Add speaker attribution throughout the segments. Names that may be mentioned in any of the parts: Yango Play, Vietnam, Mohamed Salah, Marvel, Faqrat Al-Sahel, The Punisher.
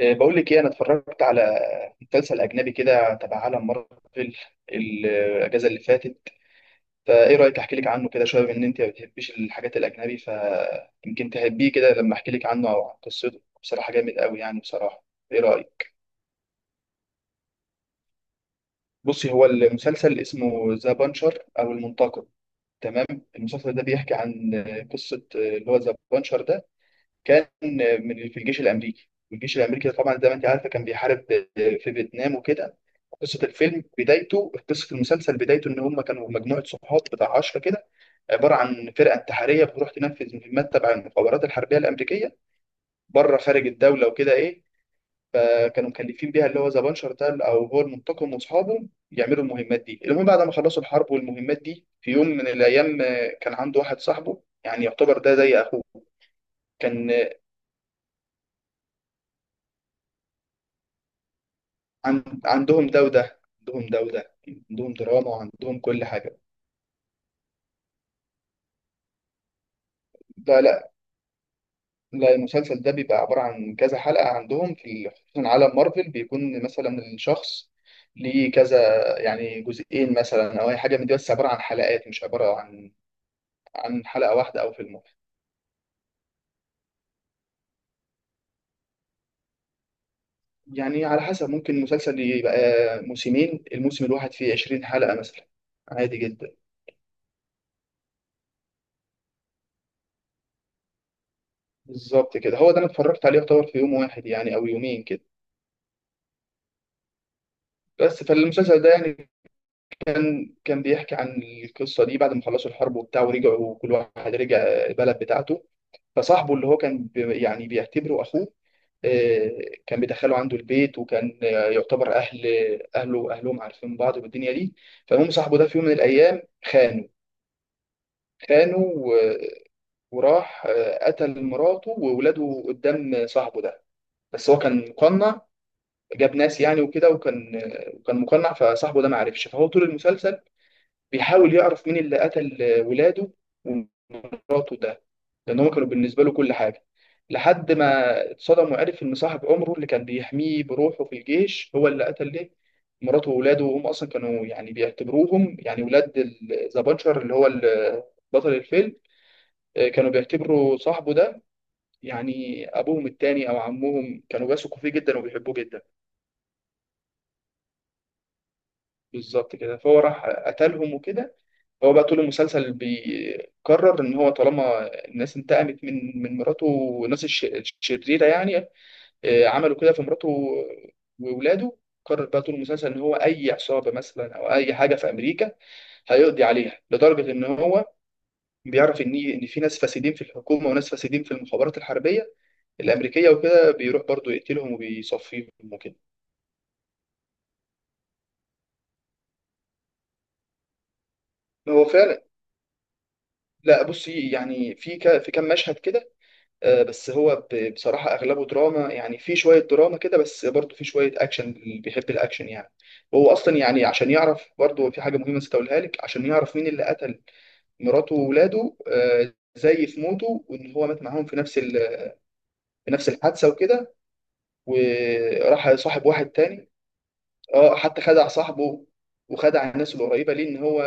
Speaker 1: بقول لك ايه، انا اتفرجت على مسلسل اجنبي كده تبع عالم مارفل الاجازه اللي فاتت. فايه رايك؟ احكي لك عنه كده شويه، بما ان انت ما بتحبيش الحاجات الاجنبي، فيمكن تحبيه كده لما احكي لك عنه او عن قصته. بصراحه جامد قوي يعني، بصراحه ايه رايك؟ بصي، هو المسلسل اسمه ذا بانشر او المنتقم. تمام. المسلسل ده بيحكي عن قصه، اللي هو ذا بانشر ده كان من في الجيش الامريكي، والجيش الامريكي ده طبعا زي ما انت عارفه كان بيحارب في فيتنام وكده. قصه المسلسل بدايته ان هم كانوا مجموعه صحاب بتاع 10 كده، عباره عن فرقه انتحاريه بتروح تنفذ مهمات تبع المخابرات الحربيه الامريكيه بره خارج الدوله وكده ايه. فكانوا مكلفين بيها اللي هو ذا بانشر ده او هو المنتقم واصحابه، يعملوا المهمات دي. المهم بعد ما خلصوا الحرب والمهمات دي، في يوم من الايام كان عنده واحد صاحبه يعني يعتبر ده زي اخوه. كان عن- عندهم ده وده عندهم ده وده، عندهم دراما وعندهم كل حاجة. لا، لا، لا، المسلسل ده بيبقى عبارة عن كذا حلقة. عندهم في خصوصا عالم مارفل بيكون مثلا الشخص ليه كذا يعني جزئين مثلا او اي حاجه من دي، بس عباره عن حلقات، مش عباره عن حلقه واحده او فيلم واحد. يعني على حسب، ممكن المسلسل يبقى موسمين، الموسم الواحد فيه 20 حلقه مثلا. عادي جدا، بالظبط كده. هو ده انا اتفرجت عليه يعتبر في يوم واحد يعني او يومين كده. بس فالمسلسل ده يعني كان بيحكي عن القصه دي. بعد ما خلصوا الحرب وبتاع ورجعوا، كل واحد رجع البلد بتاعته. فصاحبه اللي هو كان يعني بيعتبره اخوه، آه، كان بيدخله عنده البيت، وكان يعتبر اهله واهلهم عارفين بعض والدنيا دي. فالمهم صاحبه ده في يوم من الايام خانه، خانه وراح قتل مراته وولاده قدام صاحبه ده. بس هو كان مقنع، جاب ناس يعني وكده، وكان مقنع فصاحبه ده ما عرفش. فهو طول المسلسل بيحاول يعرف مين اللي قتل ولاده ومراته ده، لان هم كانوا بالنسبه له كل حاجه. لحد ما اتصدم وعرف ان صاحب عمره اللي كان بيحميه بروحه في الجيش هو اللي قتل ليه مراته وولاده، وهم اصلا كانوا يعني بيعتبروهم يعني ولاد ذا بانشر اللي هو بطل الفيلم. كانوا بيعتبروا صاحبه ده يعني ابوهم التاني او عمهم، كانوا بيثقوا فيه جدا وبيحبوه جدا. بالظبط كده. فهو راح قتلهم وكده. هو بقى طول المسلسل بيقرر ان هو طالما الناس انتقمت من مراته، والناس الشريره يعني عملوا كده في مراته واولاده، قرر بقى طول المسلسل ان هو اي عصابه مثلا او اي حاجه في امريكا هيقضي عليها، لدرجه ان هو بيعرف ان في ناس فاسدين في الحكومه وناس فاسدين في المخابرات الحربيه الامريكيه وكده، بيروح برضه يقتلهم وبيصفيهم وكده. هو فعلا. لا بصي، يعني في في كام مشهد كده، بس هو بصراحة أغلبه دراما يعني. في شوية دراما كده، بس برضه في شوية أكشن، اللي بيحب الأكشن يعني. وهو أصلا يعني، عشان يعرف برضه في حاجة مهمة نسيت أقولها لك، عشان يعرف مين اللي قتل مراته وولاده زي في موته وإن هو مات معاهم في في نفس الحادثة وكده، وراح صاحب واحد تاني. اه حتى خدع صاحبه وخدع الناس القريبه ليه ان هو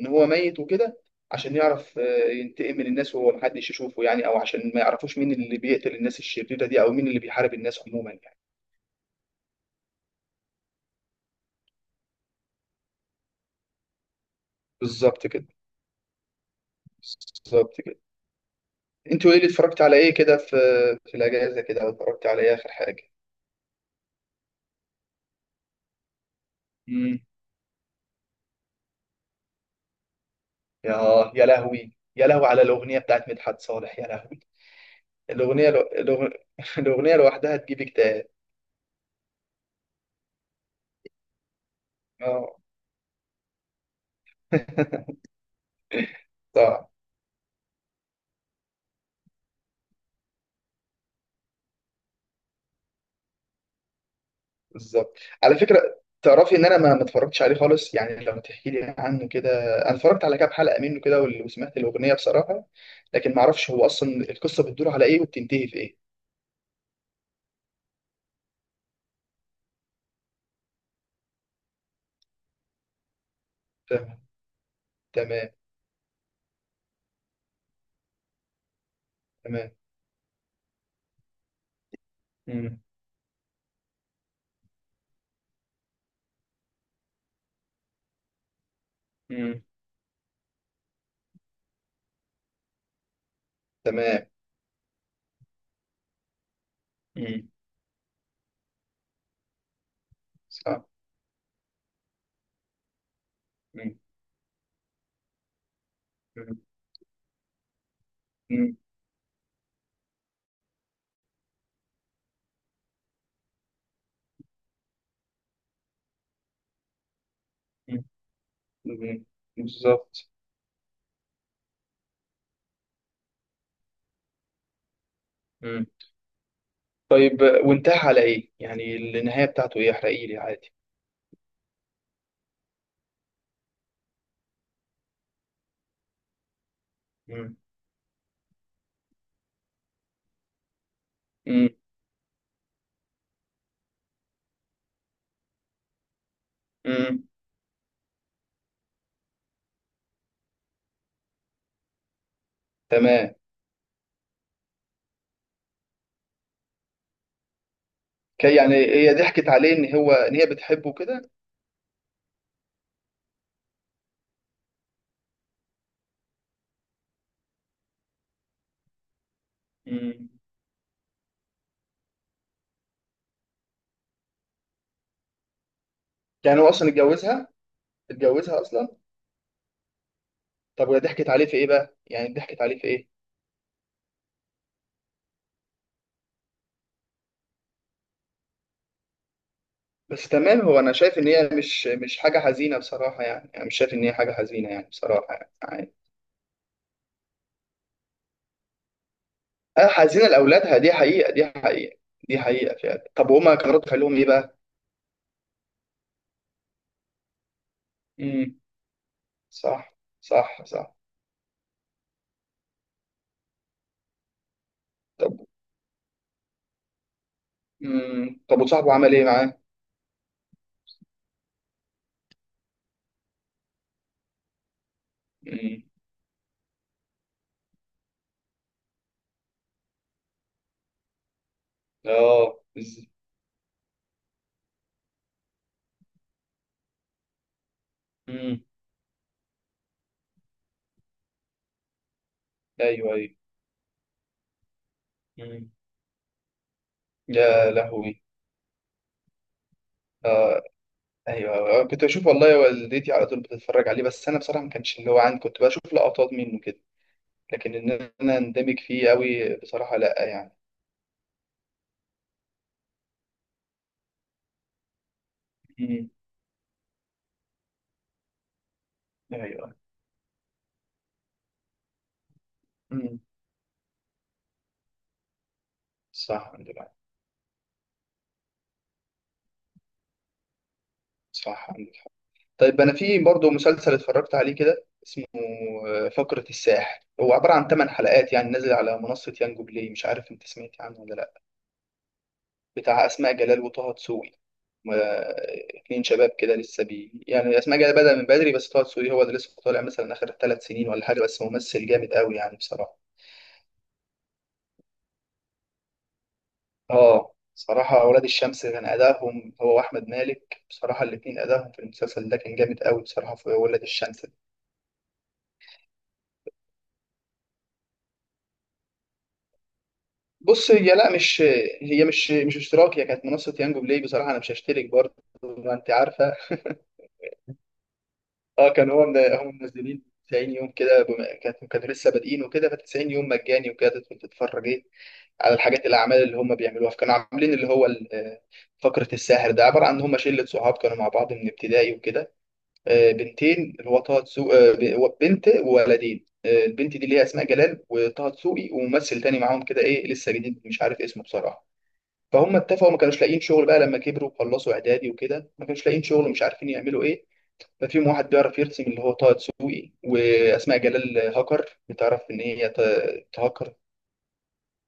Speaker 1: ميت وكده، عشان يعرف ينتقم من الناس وهو محدش يشوفه يعني، او عشان ما يعرفوش مين اللي بيقتل الناس الشريره دي، او مين اللي بيحارب الناس عموما يعني. بالظبط كده. بالظبط كده. انت وايه اللي اتفرجت على ايه كده في الاجازه كده، او اتفرجت على ايه اخر حاجه؟ امم. يا لهوي، يا لهوي على الاغنيه بتاعت مدحت صالح، يا لهوي. الاغنيه لو... الأغ- الاغنيه لوحدها تجيب اكتئاب. اه. صح. بالظبط. على فكره، تعرفي ان انا ما اتفرجتش عليه خالص يعني. لما تحكي لي عنه كده، انا اتفرجت على كام حلقه منه كده وسمعت الاغنيه بصراحه، لكن ما اعرفش هو اصلا القصه بتدور على ايه وبتنتهي في ايه. تمام. تمام. تمام. مم. مم. تمام. مم. صح. مم. مم. مم. مم. مم. بالظبط. مم. طيب، وانتهى على ايه يعني؟ النهايه بتاعته ايه؟ احرقي لي عادي. مم. مم. مم. تمام. يعني هي ضحكت عليه ان هو ان هي بتحبه كده. يعني هو اصلا اتجوزها؟ اتجوزها اصلا. طب وهي ضحكت عليه في ايه بقى يعني؟ ضحكت عليه في ايه؟ بس تمام، هو انا شايف ان هي مش حاجه حزينه بصراحه يعني. انا مش شايف ان هي حاجه حزينه يعني بصراحه يعني، عادي. أه، حزينه لاولادها، دي حقيقه، دي حقيقه، دي حقيقه فعلا. طب وهما كانوا رد فعلهم ايه بقى؟ امم. صح. صح. صح. طب. امم. طب وصاحبه عمل ايه معاه؟ امم. اه. امم. ايوه. ايوه. امم. يا لهوي. اه. ايوه. أيوة. كنت بشوف والله، والدتي على طول بتتفرج عليه، بس انا بصراحه ما كانش اللي هو عندي، كنت بشوف لقطات منه كده، لكن ان انا اندمج فيه قوي بصراحه لا يعني. امم. ايوه. امم. صح عندك حق. صح عندك حق. طيب انا في برضه مسلسل اتفرجت عليه كده اسمه فقرة الساحل، هو عبارة عن 8 حلقات يعني، نازل على منصة يانجو بلاي. مش عارف انت سمعت عنه ولا لا. بتاع اسماء جلال وطه دسوقي. ما- اتنين شباب كده لسه يعني. اسماء جلال بدأ من بدري، بس طه دسوقي هو اللي لسه طالع مثلا اخر 3 سنين ولا حاجه، بس ممثل جامد قوي يعني بصراحه. اه صراحه، اولاد الشمس كان ادائهم هو واحمد مالك بصراحه، الاثنين ادائهم في المسلسل ده كان جامد قوي بصراحه في اولاد الشمس ده. بص، هي لا مش هي مش اشتراك، هي كانت منصه يانجو بلاي بصراحه. انا مش هشترك برضه، ما انت عارفه. اه، كان هو من هم منزلين 90 يوم كده، بما كانوا لسه بادئين وكده، ف 90 يوم مجاني وكده، تدخل تتفرج ايه على الاعمال اللي هم بيعملوها. فكانوا عاملين اللي هو فقره الساحر ده عباره عن ان هم شله صحاب كانوا مع بعض من ابتدائي وكده، بنتين اللي هو طه دسوقي بنت وولدين. البنت دي اللي هي اسماء جلال، وطه دسوقي وممثل تاني معاهم كده ايه لسه جديد مش عارف اسمه بصراحه. فهم اتفقوا، ما كانوش لاقيين شغل بقى لما كبروا وخلصوا اعدادي وكده، ما كانوش لاقيين شغل ومش عارفين يعملوا ايه. ففيهم واحد بيعرف يرسم اللي هو طه دسوقي، واسماء جلال هاكر بتعرف ان هي تهكر.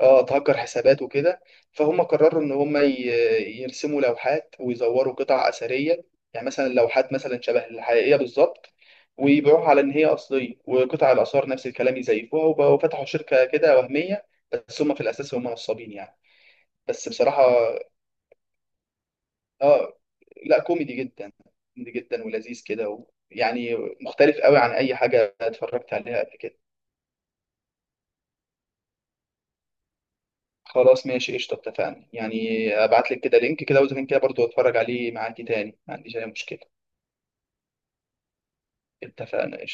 Speaker 1: اه، تهكر حسابات وكده. فهم قرروا ان هم يرسموا لوحات ويزوروا قطع اثريه، يعني مثلا لوحات مثلا شبه الحقيقيه بالظبط، ويبيعوها على ان هي اصليه، وقطع الاثار نفس الكلام يزيفوها، وبقوا فتحوا شركه كده وهميه، بس هم في الاساس هم نصابين يعني. بس بصراحه اه، لا كوميدي جدا، كوميدي جدا ولذيذ كده يعني مختلف قوي عن اي حاجه اتفرجت عليها قبل كده. خلاص ماشي قشطه، اتفقنا يعني. ابعت لك كده لينك كده، واذا كان كده برضو اتفرج عليه معاكي تاني، ما عنديش اي مشكله. اتفقنا قشطه.